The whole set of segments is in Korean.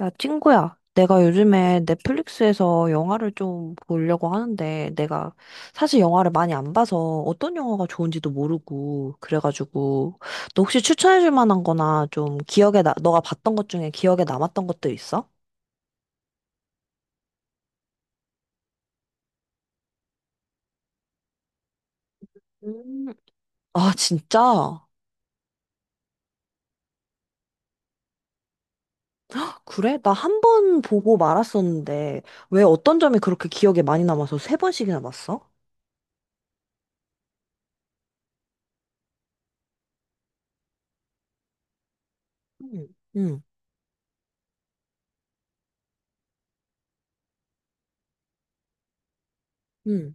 야, 친구야. 내가 요즘에 넷플릭스에서 영화를 좀 보려고 하는데, 내가 사실 영화를 많이 안 봐서 어떤 영화가 좋은지도 모르고, 그래가지고, 너 혹시 추천해줄 만한 거나 좀 기억에, 너가 봤던 것 중에 기억에 남았던 것들 있어? 음, 아, 진짜? 그래? 나 한 번 보고 말았었는데, 왜 어떤 점이 그렇게 기억에 많이 남아서 세 번씩이나 봤어? 응 응, 응,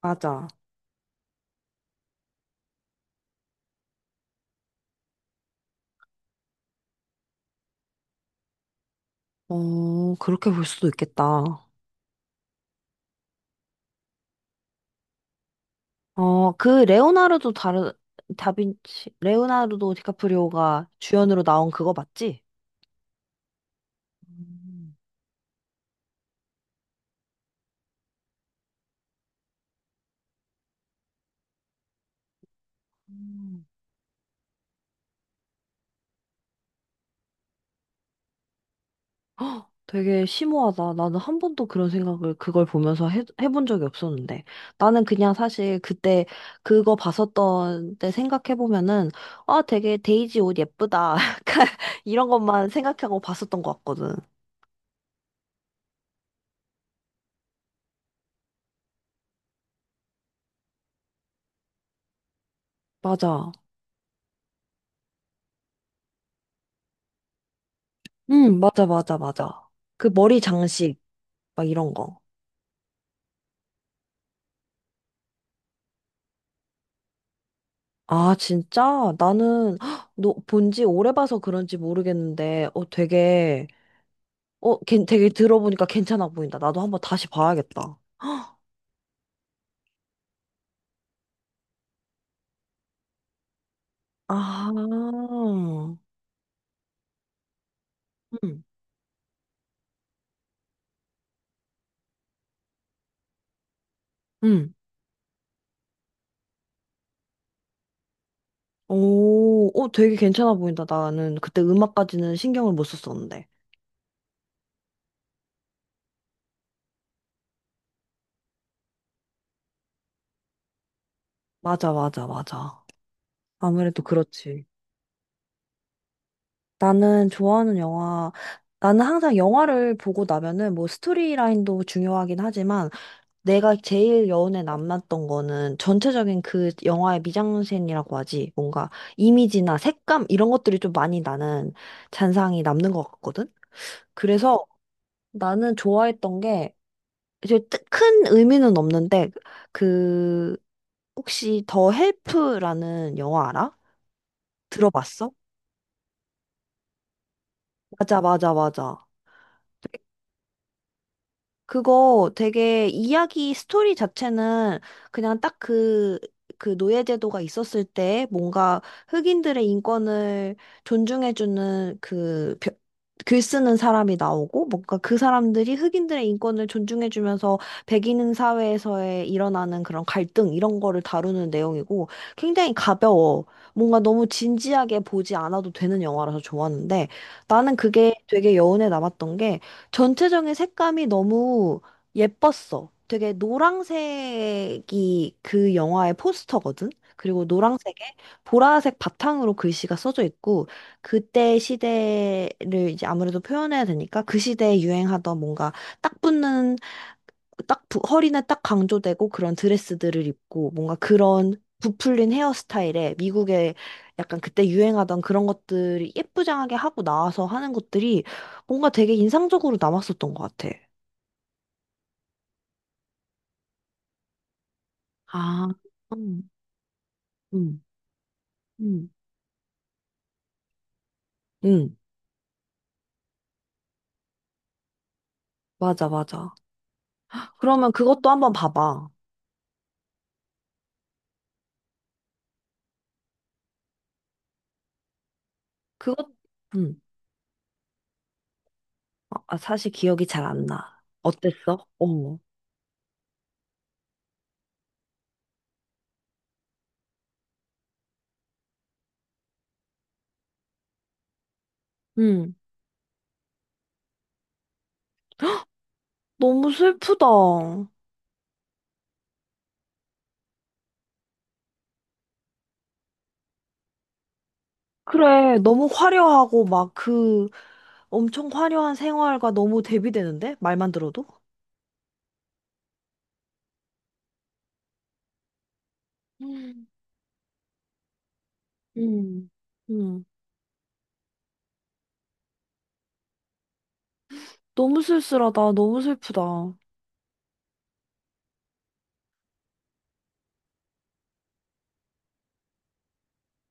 맞아. 어, 그렇게 볼 수도 있겠다. 어, 그 레오나르도 다르 다빈치 레오나르도 디카프리오가 주연으로 나온 그거 맞지? 음, 음. 되게 심오하다. 나는 한 번도 그런 생각을 그걸 보면서 해본 적이 없었는데. 나는 그냥 사실 그때 그거 봤었던 때 생각해보면은, 아, 되게 데이지 옷 예쁘다. 약간 이런 것만 생각하고 봤었던 것 같거든. 맞아. 응, 맞아, 맞아, 맞아. 그 머리 장식, 막 이런 거. 아, 진짜? 나는 헉, 너 본지 오래 봐서 그런지 모르겠는데, 어, 되게, 어, 되게 들어보니까 괜찮아 보인다. 나도 한번 다시 봐야겠다. 아, 응 응 오, 어, 되게 괜찮아 보인다. 나는 그때 음악까지는 신경을 못 썼었는데. 맞아, 맞아, 맞아. 아무래도 그렇지. 나는 좋아하는 영화, 나는 항상 영화를 보고 나면은 뭐 스토리라인도 중요하긴 하지만, 내가 제일 여운에 남았던 거는 전체적인 그 영화의 미장센이라고 하지. 뭔가 이미지나 색감 이런 것들이 좀 많이 나는 잔상이 남는 것 같거든. 그래서 나는 좋아했던 게 이제 큰 의미는 없는데 그 혹시 더 헬프라는 영화 알아? 들어봤어? 맞아, 맞아, 맞아. 그거 되게 이야기 스토리 자체는 그냥 딱 그 노예제도가 있었을 때 뭔가 흑인들의 인권을 존중해주는 그 글 쓰는 사람이 나오고 뭔가 그 사람들이 흑인들의 인권을 존중해주면서 백인 사회에서의 일어나는 그런 갈등 이런 거를 다루는 내용이고 굉장히 가벼워. 뭔가 너무 진지하게 보지 않아도 되는 영화라서 좋았는데 나는 그게 되게 여운에 남았던 게 전체적인 색감이 너무 예뻤어. 되게 노란색이 그 영화의 포스터거든. 그리고 노란색에 보라색 바탕으로 글씨가 써져 있고 그때 시대를 이제 아무래도 표현해야 되니까 그 시대에 유행하던 뭔가 딱 붙는 허리는 딱 강조되고 그런 드레스들을 입고 뭔가 그런 부풀린 헤어스타일에 미국의 약간 그때 유행하던 그런 것들이 예쁘장하게 하고 나와서 하는 것들이 뭔가 되게 인상적으로 남았었던 것 같아. 아, 음, 음, 음. 응, 맞아, 맞아. 그러면 그것도 한번 봐봐. 그것, 응. 아, 아, 사실 기억이 잘 안 나. 어땠어? 어. 응. 너무 슬프다. 그래, 너무 화려하고 막 그 엄청 화려한 생활과 너무 대비되는데? 말만 들어도? 음, 음, 음, 너무 쓸쓸하다. 너무 슬프다.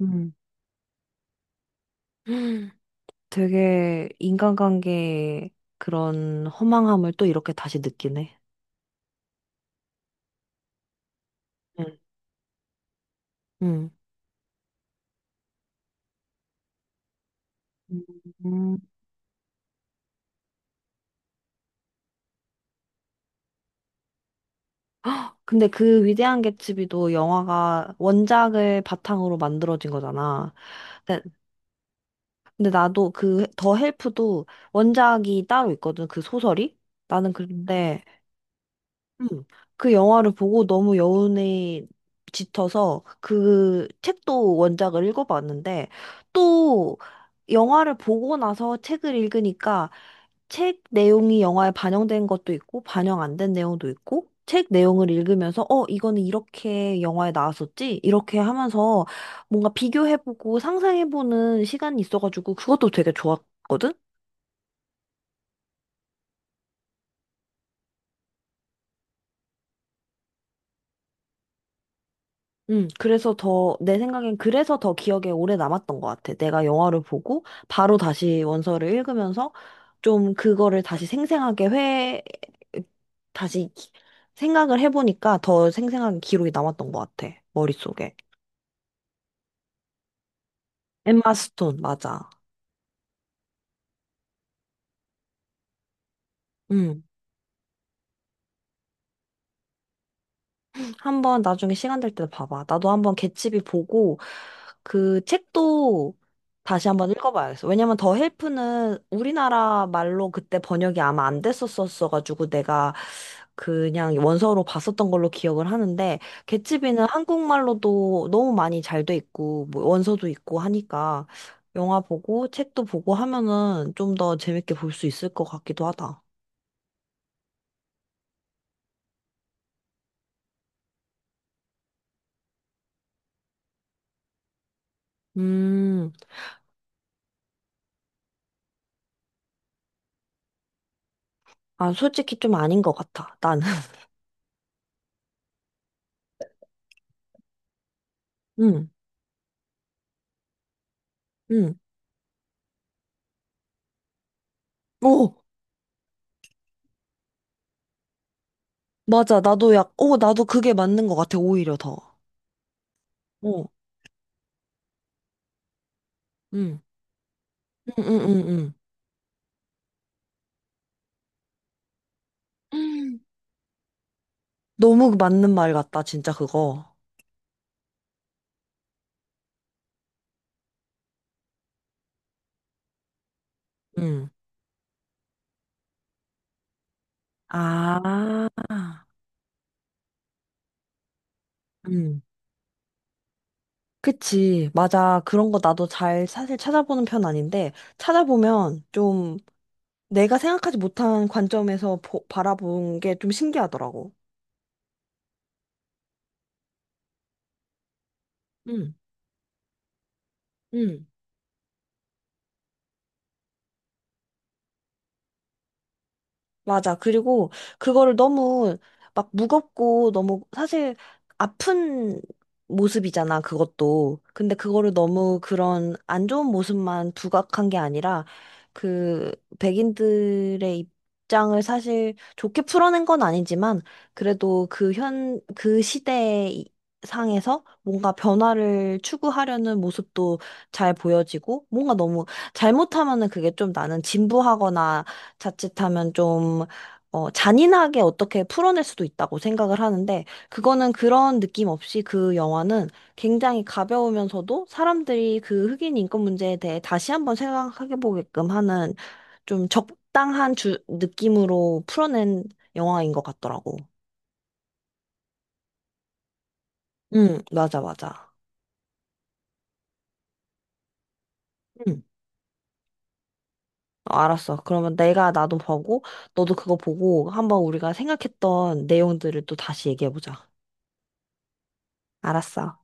음, 음, 되게 인간관계의 그런 허망함을 또 이렇게 다시 느끼네. 응. 음. 음. 근데 그 위대한 개츠비도 영화가 원작을 바탕으로 만들어진 거잖아. 근데 나도 그 더 헬프도 원작이 따로 있거든. 그 소설이. 나는 그런데 음, 그 영화를 보고 너무 여운에 짙어서 그 책도 원작을 읽어봤는데 또 영화를 보고 나서 책을 읽으니까 책 내용이 영화에 반영된 것도 있고, 반영 안 된 내용도 있고, 책 내용을 읽으면서, 어, 이거는 이렇게 영화에 나왔었지? 이렇게 하면서 뭔가 비교해보고 상상해보는 시간이 있어가지고, 그것도 되게 좋았거든? 그래서 더, 내 생각엔 그래서 더 기억에 오래 남았던 것 같아. 내가 영화를 보고, 바로 다시 원서를 읽으면서, 좀 그거를 다시 생생하게 다시 생각을 해보니까 더 생생하게 기록이 남았던 것 같아. 머릿속에. 엠마 스톤, 맞아. 음 한번 나중에 시간 될 때 봐봐. 나도 한번 개츠비 보고 그 책도 다시 한번 읽어봐야겠어. 왜냐면 더 헬프는 우리나라 말로 그때 번역이 아마 안 됐었었어가지고 내가 그냥 원서로 봤었던 걸로 기억을 하는데 개츠비는 한국말로도 너무 많이 잘돼 있고 뭐 원서도 있고 하니까 영화 보고 책도 보고 하면은 좀 더 재밌게 볼 수 있을 것 같기도 하다. 음. 아, 솔직히 좀 아닌 것 같아, 나는. 응, 응. 오, 맞아. 오, 나도 그게 맞는 것 같아, 오히려 더. 오, 응, 응, 응, 응, 응. 음. 너무 맞는 말 같다, 진짜 그거. 응. 아, 응. 그치. 맞아. 그런 거 나도 잘 사실 찾아보는 편 아닌데, 찾아보면 좀 내가 생각하지 못한 관점에서 바라본 게 좀 신기하더라고. 응, 응. 맞아. 그리고 그거를 너무 막 무겁고 너무 사실 아픈 모습이잖아, 그것도. 근데 그거를 너무 그런 안 좋은 모습만 부각한 게 아니라 그 백인들의 입장을 사실 좋게 풀어낸 건 아니지만 그래도 그 시대 상에서 뭔가 변화를 추구하려는 모습도 잘 보여지고 뭔가 너무 잘못하면은 그게 좀 나는 진부하거나 자칫하면 좀, 어, 잔인하게 어떻게 풀어낼 수도 있다고 생각을 하는데, 그거는 그런 느낌 없이 그 영화는 굉장히 가벼우면서도 사람들이 그 흑인 인권 문제에 대해 다시 한번 생각해 보게끔 하는 좀 적당한 느낌으로 풀어낸 영화인 것 같더라고. 응, 맞아, 맞아. 응, 어, 알았어. 그러면 내가 나도 보고, 너도 그거 보고, 한번 우리가 생각했던 내용들을 또 다시 얘기해보자. 알았어.